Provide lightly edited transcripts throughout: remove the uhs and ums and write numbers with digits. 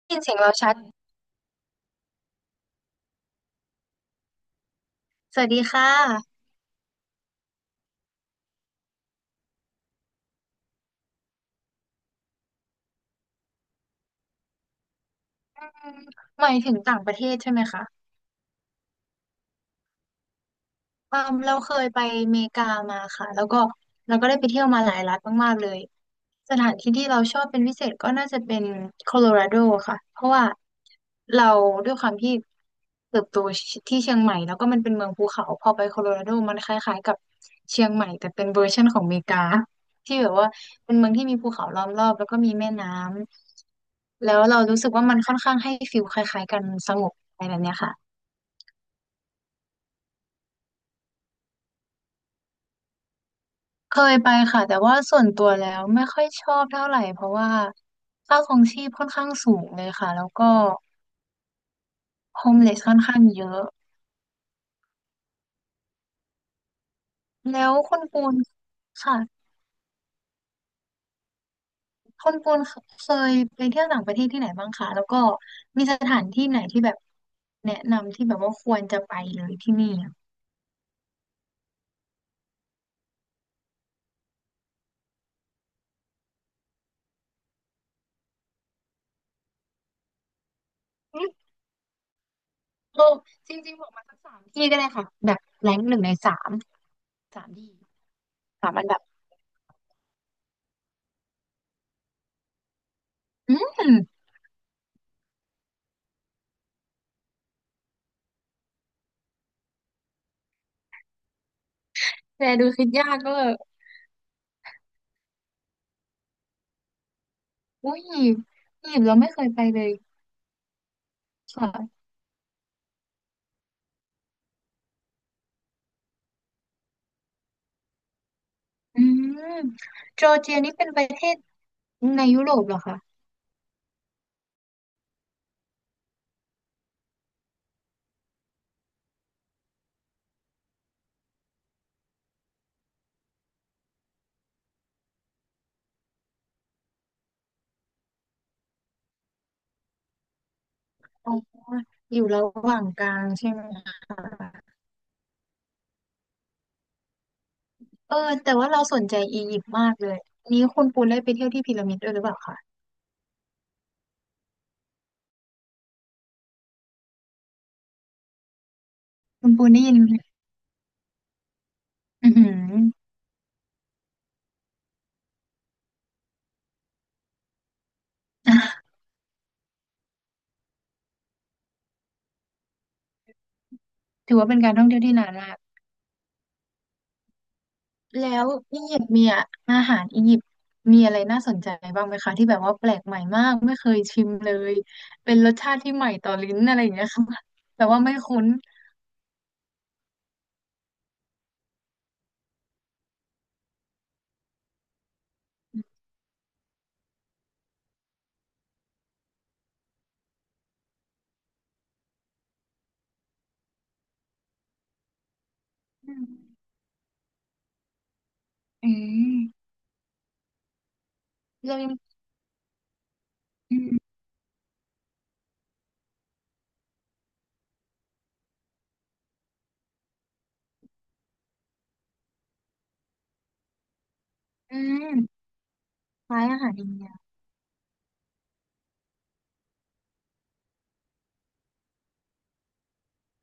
ได้ยินเสียงเราชัด สวัสดีค่ะอืมหมายถึงต่างประเทศใช่ไหมคะ เออเราเคยไปอเมริกามาค่ะแล้วก็เราก็ได้ไปเที่ยวมาหลายรัฐมากๆเลยสถานที่ที่เราชอบเป็นพิเศษก็น่าจะเป็นโคโลราโดค่ะเพราะว่าเราด้วยความที่เติบโตที่เชียงใหม่แล้วก็มันเป็นเมืองภูเขาพอไปโคโลราโดมันคล้ายๆกับเชียงใหม่แต่เป็นเวอร์ชันของอเมริกาที่แบบว่าเป็นเมืองที่มีภูเขาล้อมรอบแล้วก็มีแม่น้ำแล้วเรารู้สึกว่ามันค่อนข้างให้ฟีลคล้ายๆกันสงบอะไรแบบเนี้ยค่ะ เคยไปค่ะแต่ว่าส่วนตัวแล้วไม่ค่อยชอบเท่าไหร่เพราะว่าค่าครองชีพค่อนข้างสูงเลยค่ะแล้วก็โฮมเลสค่อนข้างเยอะแล้วคุณปูนค่ะคุณปูนเคยไปเที่ยวต่างประเทศที่ไหนบ้างคะแล้วก็มีสถานที่ไหนที่แบบแนะนำที่แบบว่าควรจะไปเลยที่นี่อะอืมโอ้จริงๆบอกมาสักสามที่ก็ได้ค่ะแบบแรงหนึ่งในสามสามที่สามอันดับอืมแต่ดูคิดยากก็อุ้ยอียิปต์เราไม่เคยไปเลย ค่ะอืม จอร์เจียนี่เป็นประเทศในยุโรปเหรอคะอ๋ออยู่ระหว่างกลางใช่ไหมคะเออแต่ว่าเราสนใจอียิปต์มากเลยนี้คุณปูนได้ไปเที่ยวที่พีระมิดด้วยหรือเปล่าคะคุณปูนได้ยินไหมอือหือถือว่าเป็นการท่องเที่ยวที่นานมากแล้วอียิปต์มีอะอาหารอียิปต์มีอะไรน่าสนใจบ้างไหมคะที่แบบว่าแปลกใหม่มากไม่เคยชิมเลยเป็นรสชาติที่ใหม่ต่อลิ้นอะไรอย่างเงี้ยค่ะแต่ว่าไม่คุ้นอืมอืม เรายังอืมอืมคล้ายอาหารอินเดีย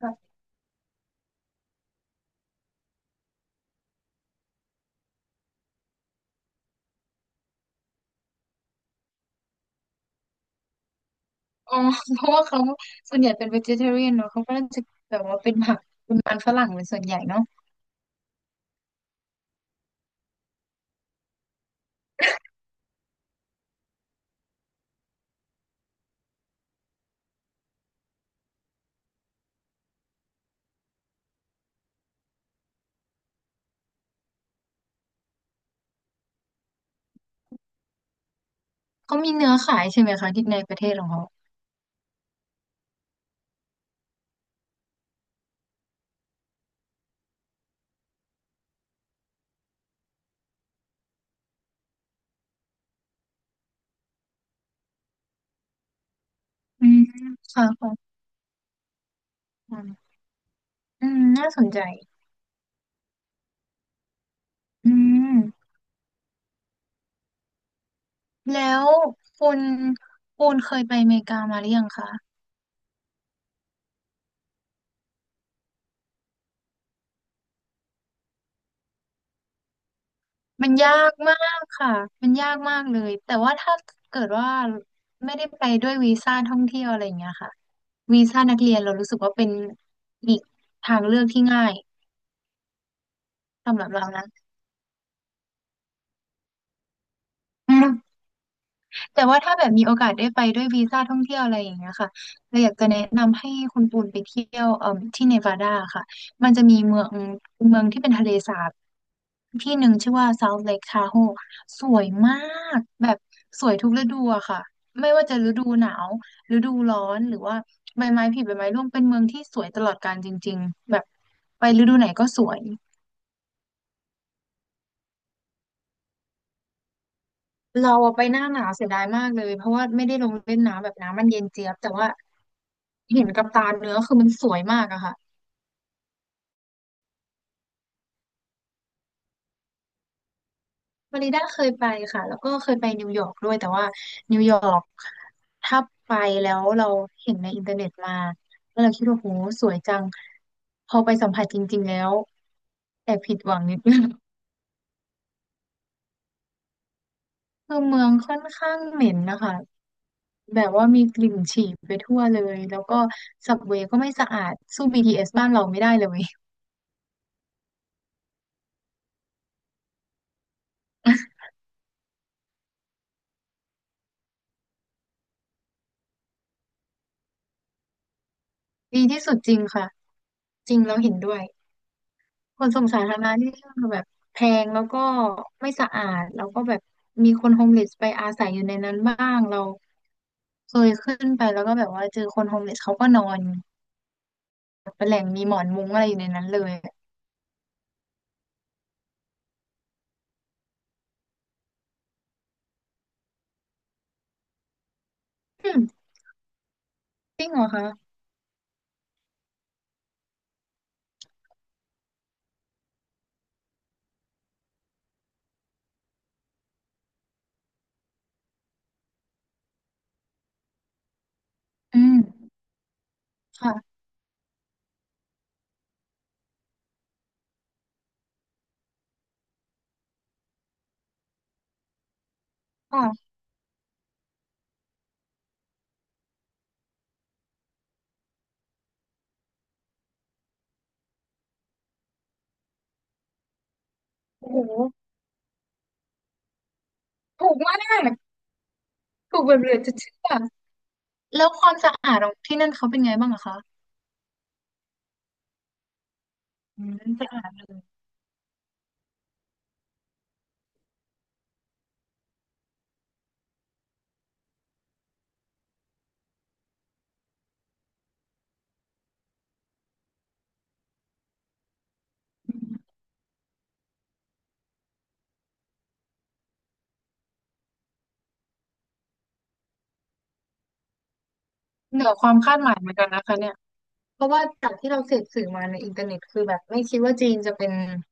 แบบอ๋อ เพราะว่าเขาส่วนใหญ่เป็น vegetarian เนอะเขาก็จะแบบว่าเป็นผักเป็นมันฝรั่งเป็นส่วนใหญ่เนาะเขามีเนื้อขายใช่ไหมคะที่ในประเทศของเขาอืมค่ะค่ะอืมน่าสนใจอืมแล้วคุณคุณเคยไปอเมริกามาหรือยังคะ มันยากมากค่ะ มันยากมากเลย แต่ว่าถ้าเกิดว่าไม่ได้ไปด้วยวีซ่าท่องเที่ยวอะไรอย่างเงี้ยค่ะ วีซ่านักเรียนเรารู้สึกว่าเป็นอีกทางเลือกที่ง่ายสำหรับเรานะ แต่ว่าถ้าแบบมีโอกาสได้ไปด้วยวีซ่าท่องเที่ยวอะไรอย่างเงี้ยค่ะ เราอยากจะแนะนำให้คุณปูนไปเที่ยวที่เนวาดาค่ะ มันจะมีเมืองที่เป็นทะเลสาบที่หนึ่งชื่อว่า South Lake Tahoe สวยมากแบบสวยทุกฤดูอะค่ะ ไม่ว่าจะฤดูหนาวฤดูร้อนหรือว่าใบไม้ผลิใบไม้ร่วงเป็นเมืองที่สวยตลอดกาลจริงๆแบบไปฤดูไหนก็สวย เราอะไปหน้าหนาวเสียดายมากเลยเพราะว่าไม่ได้ลงเล่นน้ำแบบน้ำมันเย็นเจี๊ยบแต่ว่าเห็นกับตาเนื้อคือมันสวยมากอะค่ะฟลอริดาเคยไปค่ะแล้วก็เคยไปนิวยอร์กด้วยแต่ว่านิวยอร์กถ้าไปแล้วเราเห็นในอินเทอร์เน็ตมาแล้วเราคิดว่าโหสวยจังพอไปสัมผัสจริงๆแล้วแอบผิดหวังนิดนึงคือเมืองค่อนข้างเหม็นนะคะแบบว่ามีกลิ่นฉี่ไปทั่วเลยแล้วก็สับเวย์ก็ไม่สะอาดสู้ BTS บ้านเราไม่ได้เลย ดีที่สุดจริงค่ะจริงแล้วเห็นด้วยขนส่งสาธารณะที่แบบแพงแล้วก็ไม่สะอาดแล้วก็แบบมีคนโฮมเลสไปอาศัยอยู่ในนั้นบ้างเราเคยขึ้นไปแล้วก็แบบว่าเจอคนโฮมเลสเขาก็นอนเป็นแหล่งมีหมอนมุ้งอะไรอยู่ในนั้นเลยอืมจริงเหรอคะอืมค่ะค่ะโอ้โหถูกมากถูกแบบเหลือจะเชื่อแล้วความสะอาดของที่นั่นเขาเป็นไงบ้างอะคะอืมสะอาดเลยเหนือความคาดหมายเหมือนกันนะคะเนี่ย เพราะว่าจากที่เราเสพสื่อมาในอินเทอร์เน็ตคือแบบไม่คิดว่าจีนจะเป็น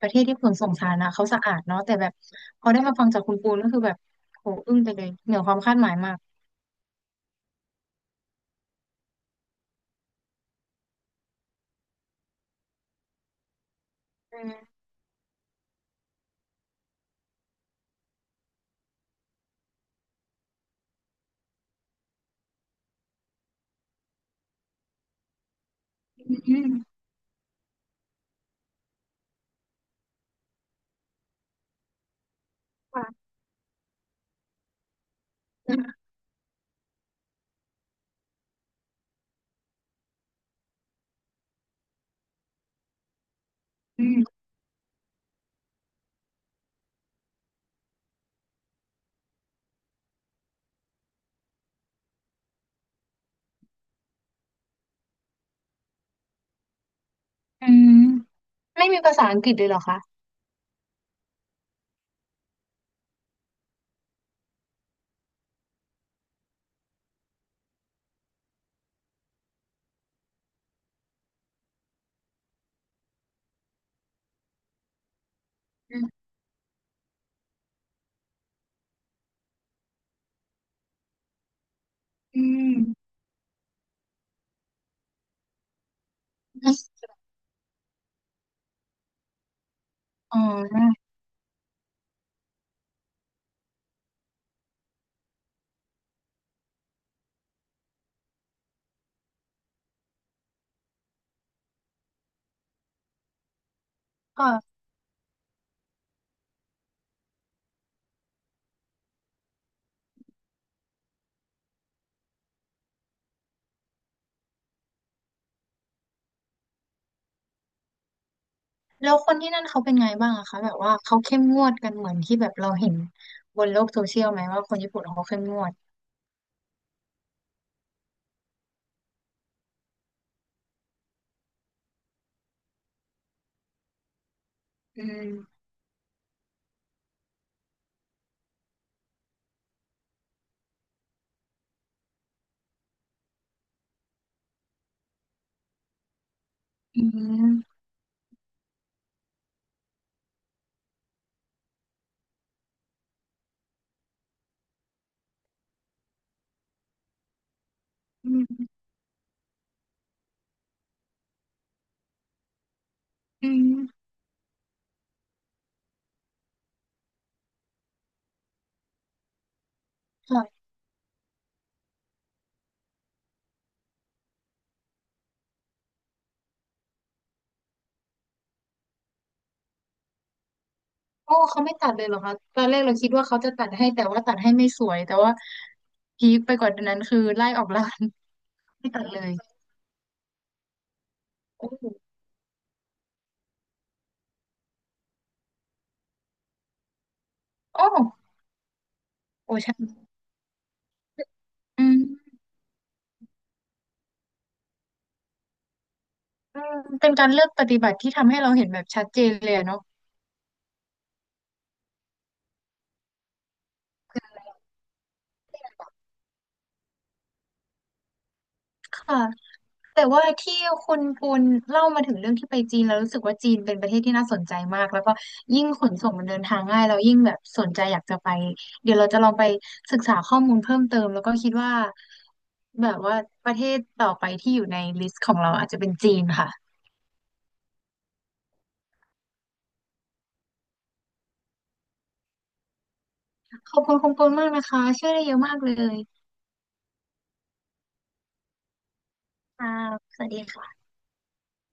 ประเทศที่ขนส่งสาธารณะเขาสะอาดเนาะแต่แบบพอได้มาฟังจากคุณปูนก็คือแบบโหอึ้งไปเลยเหนือความคาดหมายมากอืมอืมค่ะอืมอืมไม่มีภาษาอังกฤษเลยเหรอคะอืมอืมอ๋อก็แล้วคนที่นั่นเขาเป็นไงบ้างอะคะแบบว่าเขาเข้มงวดกันเหมือนที่แบบเราเห็นบนโลกโซเชียลไหมว่าคนญี่ปุ่นเขาเข้มงวดอืมอืมอืมอืมค่ะ โอ้ เขาไม่ตัดเลยเหรอคะตอนแรกเราคิดว่าเขาจะตัดให้แต่ว่าตัดให้ไม่สวยแต่ว่าพีคไปกว่านั้นคือไล่ออกร้าน ไม่ตัดเลยโอ้โอ้โอ้ใช่อืมอืมเป็นการเลือกปฏิบัติที่ทำให้เราเห็นแบบชัดเจนเลยอะเนาะค่ะ แต่ว่าที่คุณปุณเล่ามาถึงเรื่องที่ไปจีนแล้วรู้สึกว่าจีนเป็นประเทศที่น่าสนใจมากแล้วก็ยิ่งขนส่งมันเดินทางง่ายเรายิ่งแบบสนใจอยากจะไปเดี๋ยวเราจะลองไปศึกษาข้อมูลเพิ่มเติมแล้วก็คิดว่าแบบว่าประเทศต่อไปที่อยู่ในลิสต์ของเราอาจจะเป็นจีนค่ะขอบคุณคุณปุณมากนะคะช่วยได้เยอะมากเลยค่ะสวัสดีค่ะ